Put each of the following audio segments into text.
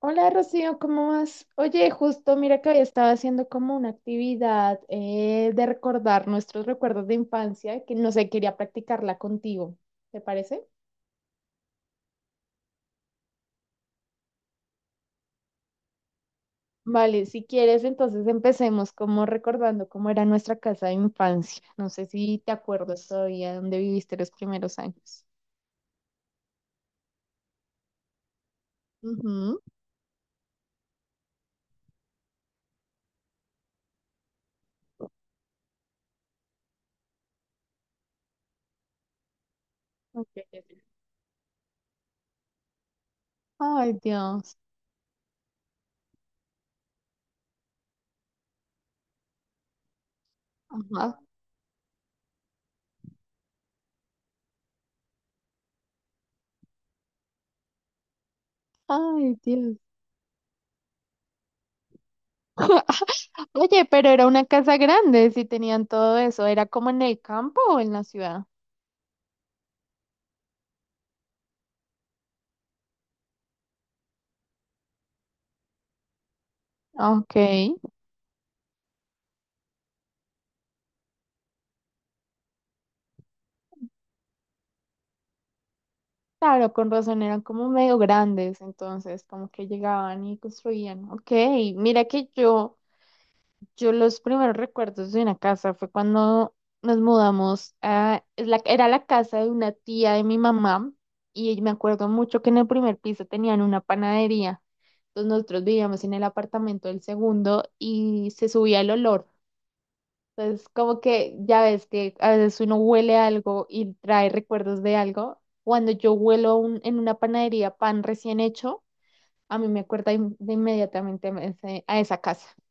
Hola Rocío, ¿cómo vas? Oye, justo mira que hoy estaba haciendo como una actividad de recordar nuestros recuerdos de infancia, que no sé, quería practicarla contigo, ¿te parece? Vale, si quieres, entonces empecemos como recordando cómo era nuestra casa de infancia. No sé si te acuerdas todavía dónde viviste los primeros años. Ujú. Ok, ok. Ay, Dios. Ajá. Ay, Dios. Oye, pero era una casa grande, si tenían todo eso, ¿era como en el campo o en la ciudad? Ok, claro, con razón eran como medio grandes, entonces como que llegaban y construían. Ok, mira que yo los primeros recuerdos de una casa fue cuando nos mudamos era la casa de una tía de mi mamá y me acuerdo mucho que en el primer piso tenían una panadería. Entonces nosotros vivíamos en el apartamento del segundo y se subía el olor. Entonces, como que ya ves que a veces uno huele algo y trae recuerdos de algo. Cuando yo huelo en una panadería pan recién hecho, a mí me acuerda de inmediatamente a a esa casa.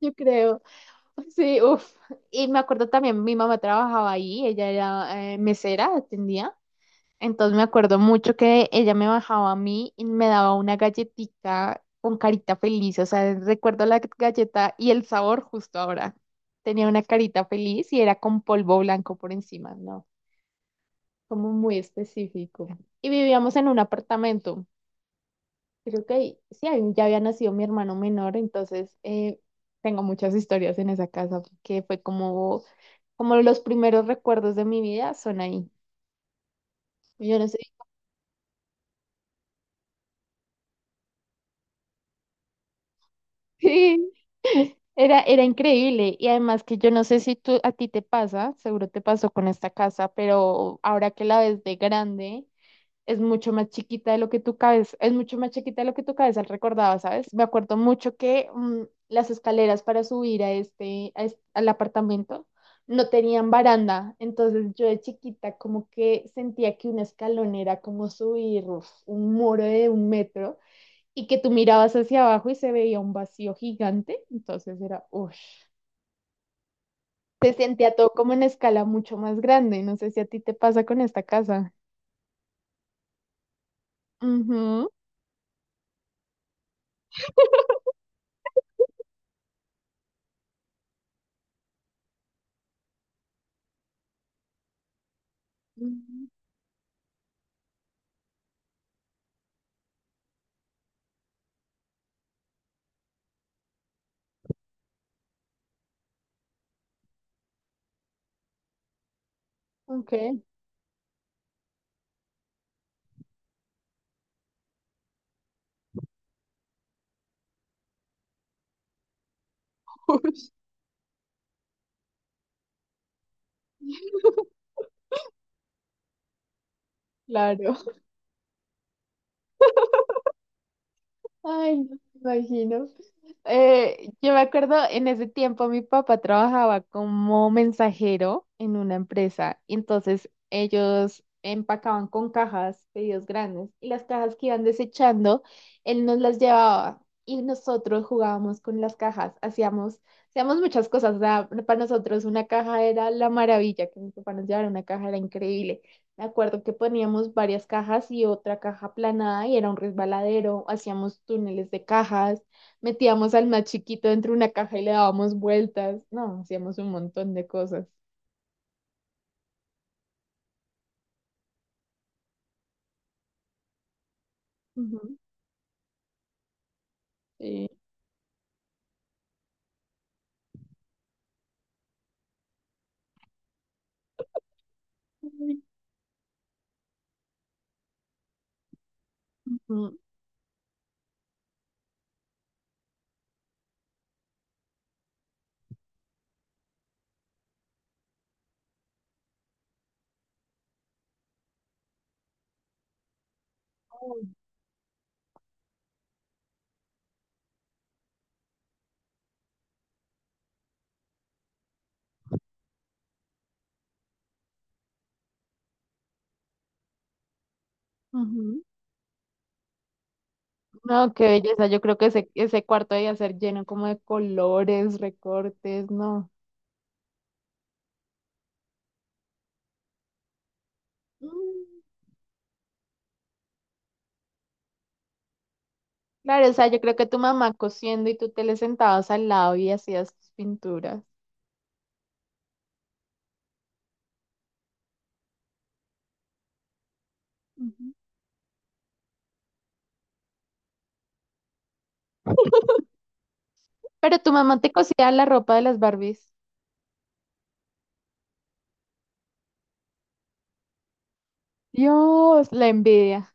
Yo creo, sí, uff. Y me acuerdo también, mi mamá trabajaba ahí, ella era mesera, atendía. Entonces me acuerdo mucho que ella me bajaba a mí y me daba una galletita con carita feliz. O sea, recuerdo la galleta y el sabor justo ahora. Tenía una carita feliz y era con polvo blanco por encima, ¿no? Como muy específico. Y vivíamos en un apartamento. Creo que sí, ahí ya había nacido mi hermano menor, entonces tengo muchas historias en esa casa que fue como los primeros recuerdos de mi vida son ahí. Yo no sé. Sí, era increíble. Y además que yo no sé si tú, a ti te pasa, seguro te pasó con esta casa, pero ahora que la ves de grande, es mucho más chiquita de lo que tu cabeza, es mucho más chiquita de lo que tu cabeza recordaba, ¿sabes? Me acuerdo mucho que las escaleras para subir a este, a es- al apartamento no tenían baranda. Entonces yo de chiquita como que sentía que un escalón era como subir uf, un muro de 1 metro y que tú mirabas hacia abajo y se veía un vacío gigante, entonces era, uff, se sentía todo como en escala mucho más grande, no sé si a ti te pasa con esta casa. Ujú, ujú. Ok, claro. Ay, no me imagino. Yo me acuerdo en ese tiempo mi papá trabajaba como mensajero en una empresa, y entonces ellos empacaban con cajas, pedidos grandes, y las cajas que iban desechando, él nos las llevaba y nosotros jugábamos con las cajas, hacíamos muchas cosas, o sea, para nosotros una caja era la maravilla, que mi papá nos llevara una caja era increíble. Me acuerdo que poníamos varias cajas y otra caja aplanada y era un resbaladero, hacíamos túneles de cajas. Metíamos al más chiquito dentro de una caja y le dábamos vueltas. No, hacíamos un montón de cosas. Ujú. Sí. Ay, ujú, ujú. No, qué belleza. Yo creo que ese cuarto debía ser lleno como de colores, recortes, no. Mm. Claro, o sea, yo creo que tu mamá cosiendo y tú te le sentabas al lado y hacías tus pinturas. Ujú. Pero tu mamá te cosía la ropa de las Barbies. Dios, la envidia.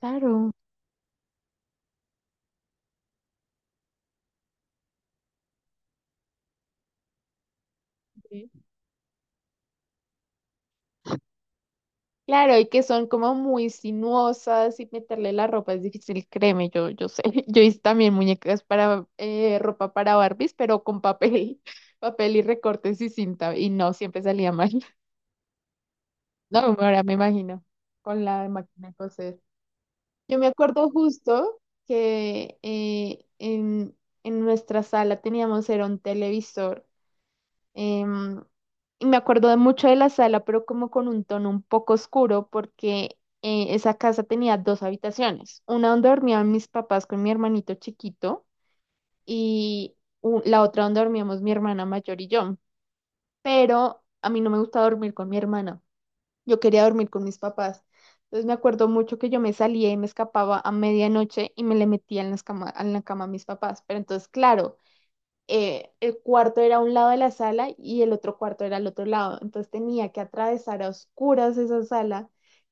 Claro. Claro, y que son como muy sinuosas y meterle la ropa es difícil, créeme, yo sé. Yo hice también muñecas para ropa para Barbies, pero con papel, papel y recortes y cinta, y no, siempre salía mal. No, ahora me imagino, con la máquina de coser. Yo me acuerdo justo que en nuestra sala teníamos, era un televisor, Em, y me acuerdo de mucho de la sala, pero como con un tono un poco oscuro, porque esa casa tenía dos habitaciones, una donde dormían mis papás con mi hermanito chiquito y la otra donde dormíamos mi hermana mayor y yo. Pero a mí no me gustaba dormir con mi hermana, yo quería dormir con mis papás. Entonces me acuerdo mucho que yo me salía y me escapaba a medianoche y me le metía en la cama a mis papás. Pero entonces, claro, el cuarto era un lado de la sala y el otro cuarto era al otro lado. Entonces tenía que atravesar a oscuras esa sala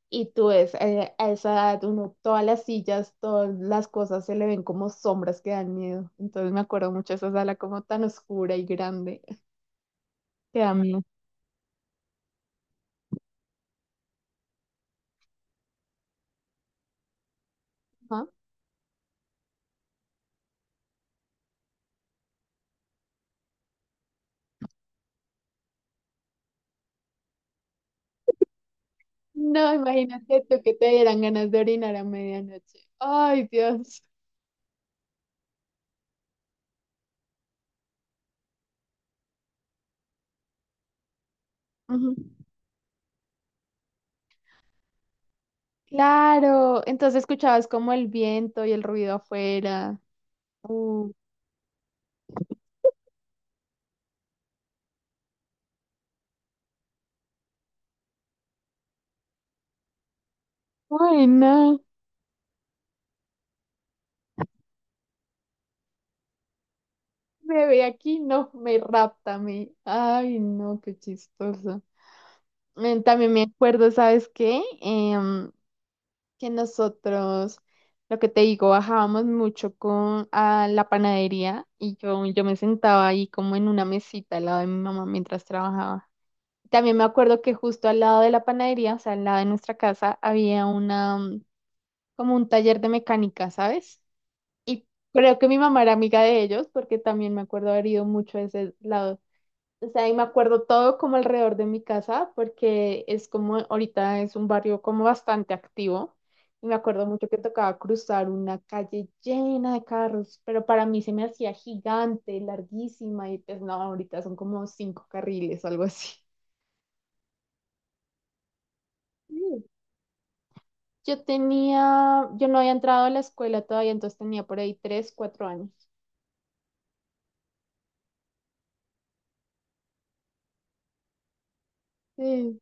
y tú ves, a esa edad uno, todas las sillas, todas las cosas se le ven como sombras que dan miedo. Entonces me acuerdo mucho de esa sala como tan oscura y grande que da miedo. Ajá. No, imagínate tú que te dieran ganas de orinar a medianoche. Ay, Dios. Ujú. Claro, entonces escuchabas como el viento y el ruido afuera. Uh, Ay, no. Me ve aquí, no, me rapta, me. Ay, no, qué chistoso. También me acuerdo, ¿sabes qué? Que nosotros, lo que te digo, bajábamos mucho con a la panadería y yo me sentaba ahí como en una mesita al lado de mi mamá mientras trabajaba. También me acuerdo que justo al lado de la panadería, o sea, al lado de nuestra casa, había una, como un taller de mecánica, ¿sabes? Y creo que mi mamá era amiga de ellos porque también me acuerdo haber ido mucho a ese lado. O sea, y me acuerdo todo como alrededor de mi casa, porque es como, ahorita es un barrio como bastante activo, y me acuerdo mucho que tocaba cruzar una calle llena de carros, pero para mí se me hacía gigante, larguísima, y pues no, ahorita son como cinco carriles, algo así. Sí. Yo tenía, yo no había entrado a la escuela todavía, entonces tenía por ahí 3, 4 años. Sí.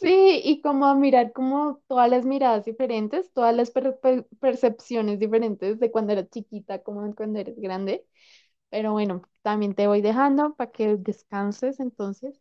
Sí, y como a mirar como todas las miradas diferentes, todas las percepciones diferentes de cuando eras chiquita, como de cuando eres grande. Pero bueno, también te voy dejando para que descanses entonces.